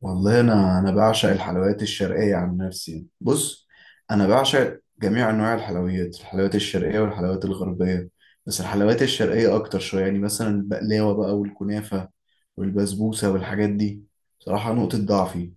والله انا بعشق الحلويات الشرقيه عن نفسي. بص، انا بعشق جميع انواع الحلويات الشرقيه والحلويات الغربيه، بس الحلويات الشرقيه اكتر شويه. يعني مثلا البقلاوه بقى والكنافه والبسبوسه والحاجات دي، بصراحه نقطه ضعفي.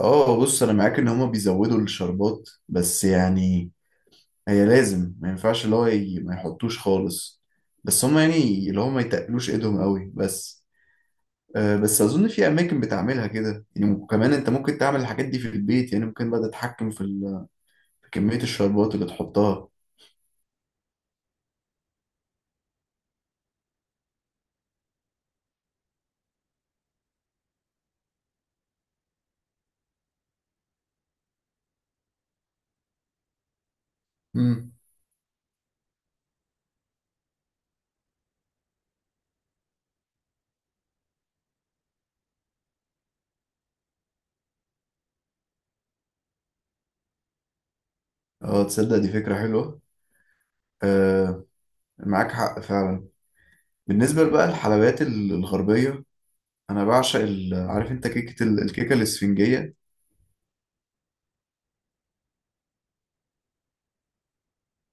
اه بص، انا معاك ان هما بيزودوا الشربات، بس يعني هي لازم، ما ينفعش اللي هو ما يحطوش خالص، بس هما يعني اللي هما ما يتقلوش ايدهم قوي بس. بس اظن في اماكن بتعملها كده يعني، وكمان انت ممكن تعمل الحاجات دي في البيت، يعني ممكن بقى تتحكم في في كمية الشربات اللي تحطها. امم. اه تصدق دي فكرة حلوة. آه، معاك حق فعلا. بالنسبة بقى للحلويات الغربية، انا بعشق عارف انت كيكة الكيكة الاسفنجية.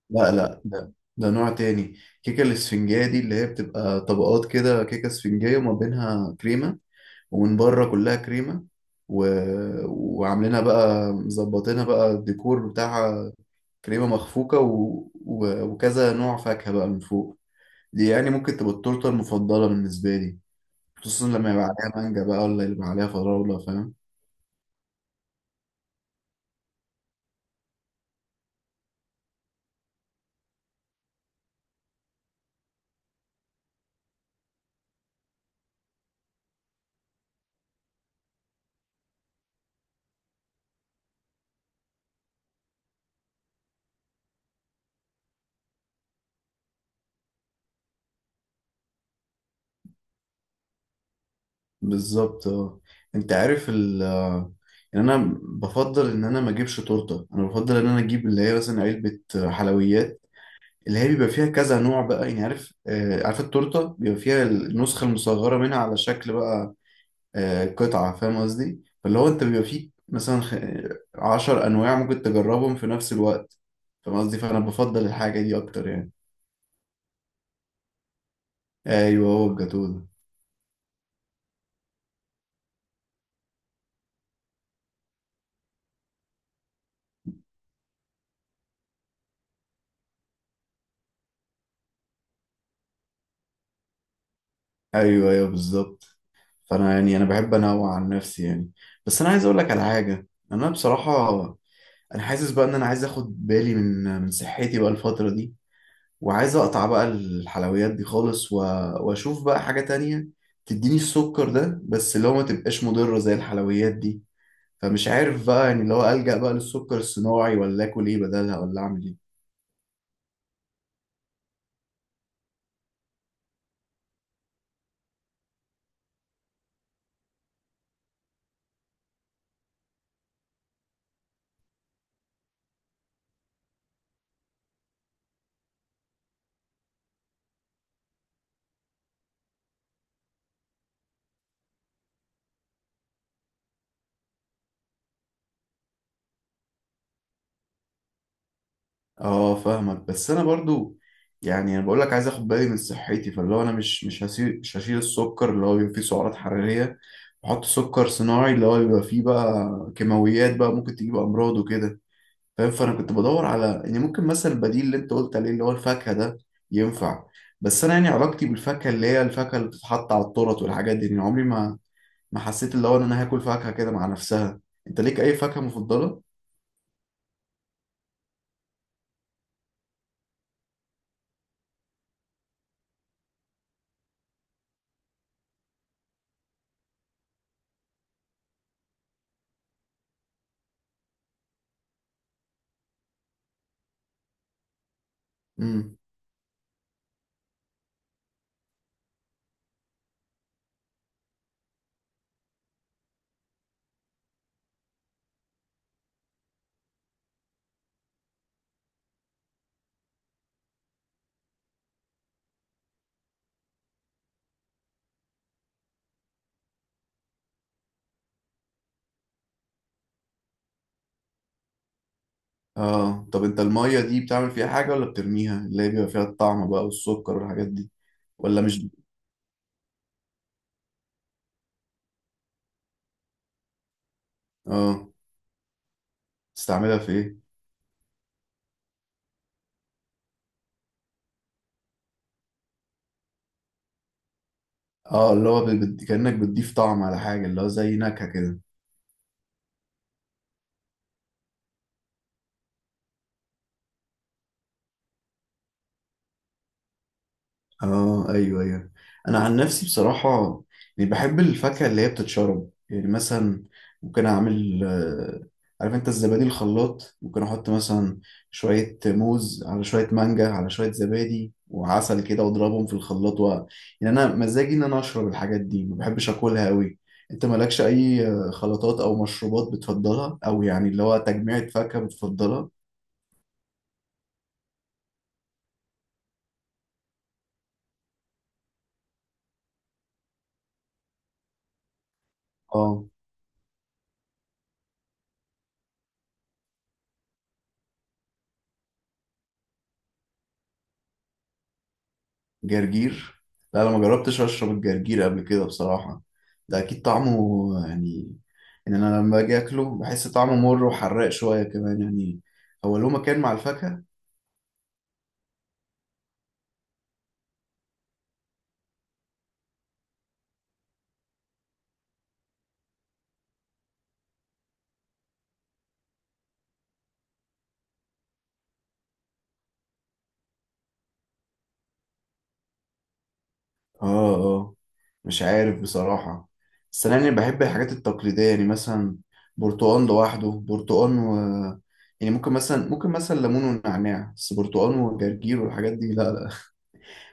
لا لا، ده نوع تاني. الكيكة الاسفنجية دي اللي هي بتبقى طبقات كده، كيكة اسفنجية وما بينها كريمة، ومن بره كلها كريمه، و... وعاملينها بقى، مظبطينها بقى الديكور بتاعها، كريمه مخفوقه وكذا نوع فاكهه بقى من فوق. دي يعني ممكن تبقى التورته المفضله بالنسبه لي، خصوصا لما يبقى عليها مانجا بقى، ولا يبقى عليها فراوله فاهم. بالظبط اه. انت عارف ال، يعني انا بفضل ان انا ما اجيبش تورته، انا بفضل ان انا اجيب اللي هي مثلا علبه حلويات، اللي هي بيبقى فيها كذا نوع بقى. يعني عارف آه، عارف التورته بيبقى فيها النسخه المصغره منها على شكل بقى، آه قطعه، فاهم قصدي؟ فاللي هو انت بيبقى فيه مثلا عشر انواع ممكن تجربهم في نفس الوقت، فاهم قصدي؟ فانا بفضل الحاجه دي اكتر يعني. ايوه هو الجاتوه ده. ايوه ايوه بالظبط. فانا يعني انا بحب انوع عن نفسي يعني. بس انا عايز اقول لك على حاجه، انا بصراحه انا حاسس بقى ان انا عايز اخد بالي من صحتي بقى الفتره دي، وعايز اقطع بقى الحلويات دي خالص، واشوف بقى حاجة تانية تديني السكر ده، بس اللي هو ما تبقاش مضرة زي الحلويات دي. فمش عارف بقى يعني، اللي هو ألجأ بقى للسكر الصناعي، ولا اكل ايه بدلها، ولا اعمل ايه؟ اه فاهمك، بس انا برضو يعني انا بقول لك عايز اخد بالي من صحتي، فاللي هو انا مش هسيب، مش هشيل السكر اللي هو بيبقى فيه سعرات حرارية، واحط سكر صناعي اللي هو بيبقى فيه بقى كيماويات بقى ممكن تجيب امراض وكده فاهم. فانا كنت بدور على يعني ممكن مثلا البديل اللي انت قلت عليه اللي هو الفاكهه ده ينفع. بس انا يعني علاقتي بالفاكهه اللي هي الفاكهه اللي بتتحط على التورت والحاجات دي، يعني عمري ما حسيت اللي هو ان انا هاكل فاكهه كده مع نفسها. انت ليك اي فاكهه مفضله؟ امم. اه طب انت الميه دي بتعمل فيها حاجه ولا بترميها، اللي هي بيبقى فيها الطعم بقى والسكر والحاجات دي؟ ولا مش. اه تستعملها في ايه؟ اه اللي هو كانك بتضيف طعم على حاجه، اللي هو زي نكهه كده. اه ايوه ايوه. انا عن نفسي بصراحه يعني بحب الفاكهه اللي هي بتتشرب يعني. مثلا ممكن اعمل عارف انت الزبادي، الخلاط ممكن احط مثلا شويه موز على شويه مانجا على شويه زبادي وعسل كده واضربهم في الخلاط يعني انا مزاجي ان انا اشرب الحاجات دي، ما بحبش اكلها قوي. انت مالكش اي خلطات او مشروبات بتفضلها، او يعني اللي هو تجميعة فاكهه بتفضلها؟ اه جرجير؟ لا انا ما جربتش اشرب الجرجير قبل كده بصراحة. ده اكيد طعمه يعني، ان انا لما اجي اكله بحس طعمه مر وحراق شوية كمان يعني. هو له مكان مع الفاكهة؟ اه اه. مش عارف بصراحة. بس انا يعني بحب الحاجات التقليدية يعني مثلا برتقال لوحده، برتقال و، يعني ممكن مثلا، ممكن مثلا ليمون ونعناع، بس برتقال وجرجير والحاجات دي لا لا.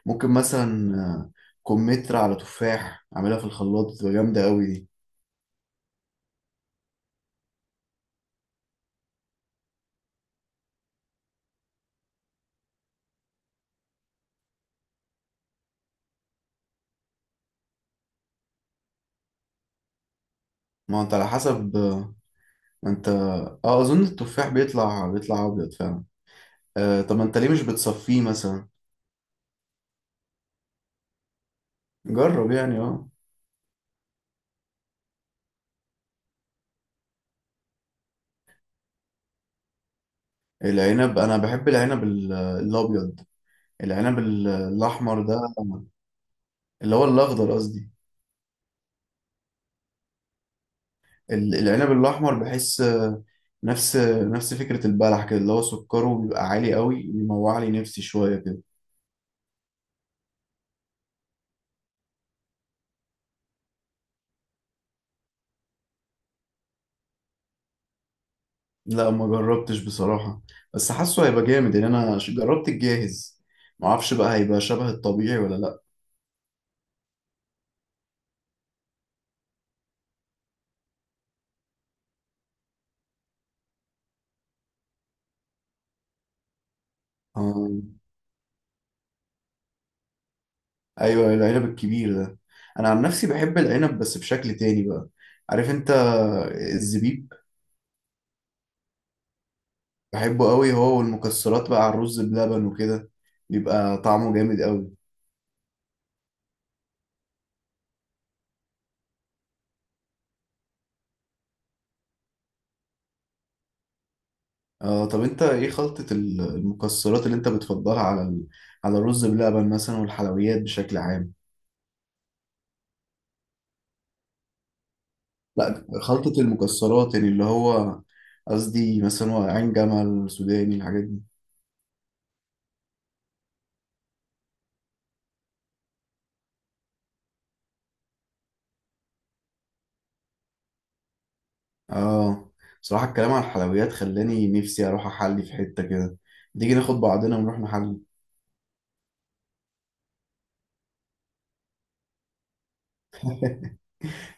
ممكن مثلا كمثرى على تفاح اعملها في الخلاط، بتبقى جامدة قوي دي. ما هو انت على حسب، ما انت، اه اظن التفاح بيطلع ابيض فعلا. آه طب ما انت ليه مش بتصفيه مثلا؟ جرب يعني اه. العنب، انا بحب العنب الابيض. العنب الاحمر ده، اللي هو الاخضر قصدي. العنب الاحمر بحس نفس نفس فكرة البلح كده، اللي هو سكره بيبقى عالي قوي، بيموع لي نفسي شوية كده. لا ما جربتش بصراحة، بس حاسه هيبقى جامد يعني. انا جربت الجاهز، ما اعرفش بقى هيبقى شبه الطبيعي ولا لا. آه. ايوه العنب الكبير ده، انا عن نفسي بحب العنب بس بشكل تاني بقى. عارف انت الزبيب؟ بحبه قوي، هو والمكسرات بقى على الرز بلبن وكده، بيبقى طعمه جامد قوي. آه طب انت ايه خلطة المكسرات اللي انت بتفضلها على ال، على الرز بلبن مثلا والحلويات بشكل عام؟ لا خلطة المكسرات يعني اللي هو، قصدي مثلا هو عين جمل، سوداني، الحاجات دي. اه بصراحة الكلام عن الحلويات خلاني نفسي اروح احلي في حتة كده. تيجي ناخد بعضنا ونروح نحلي؟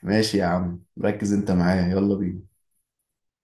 ماشي يا عم، ركز انت معايا، يلا بينا.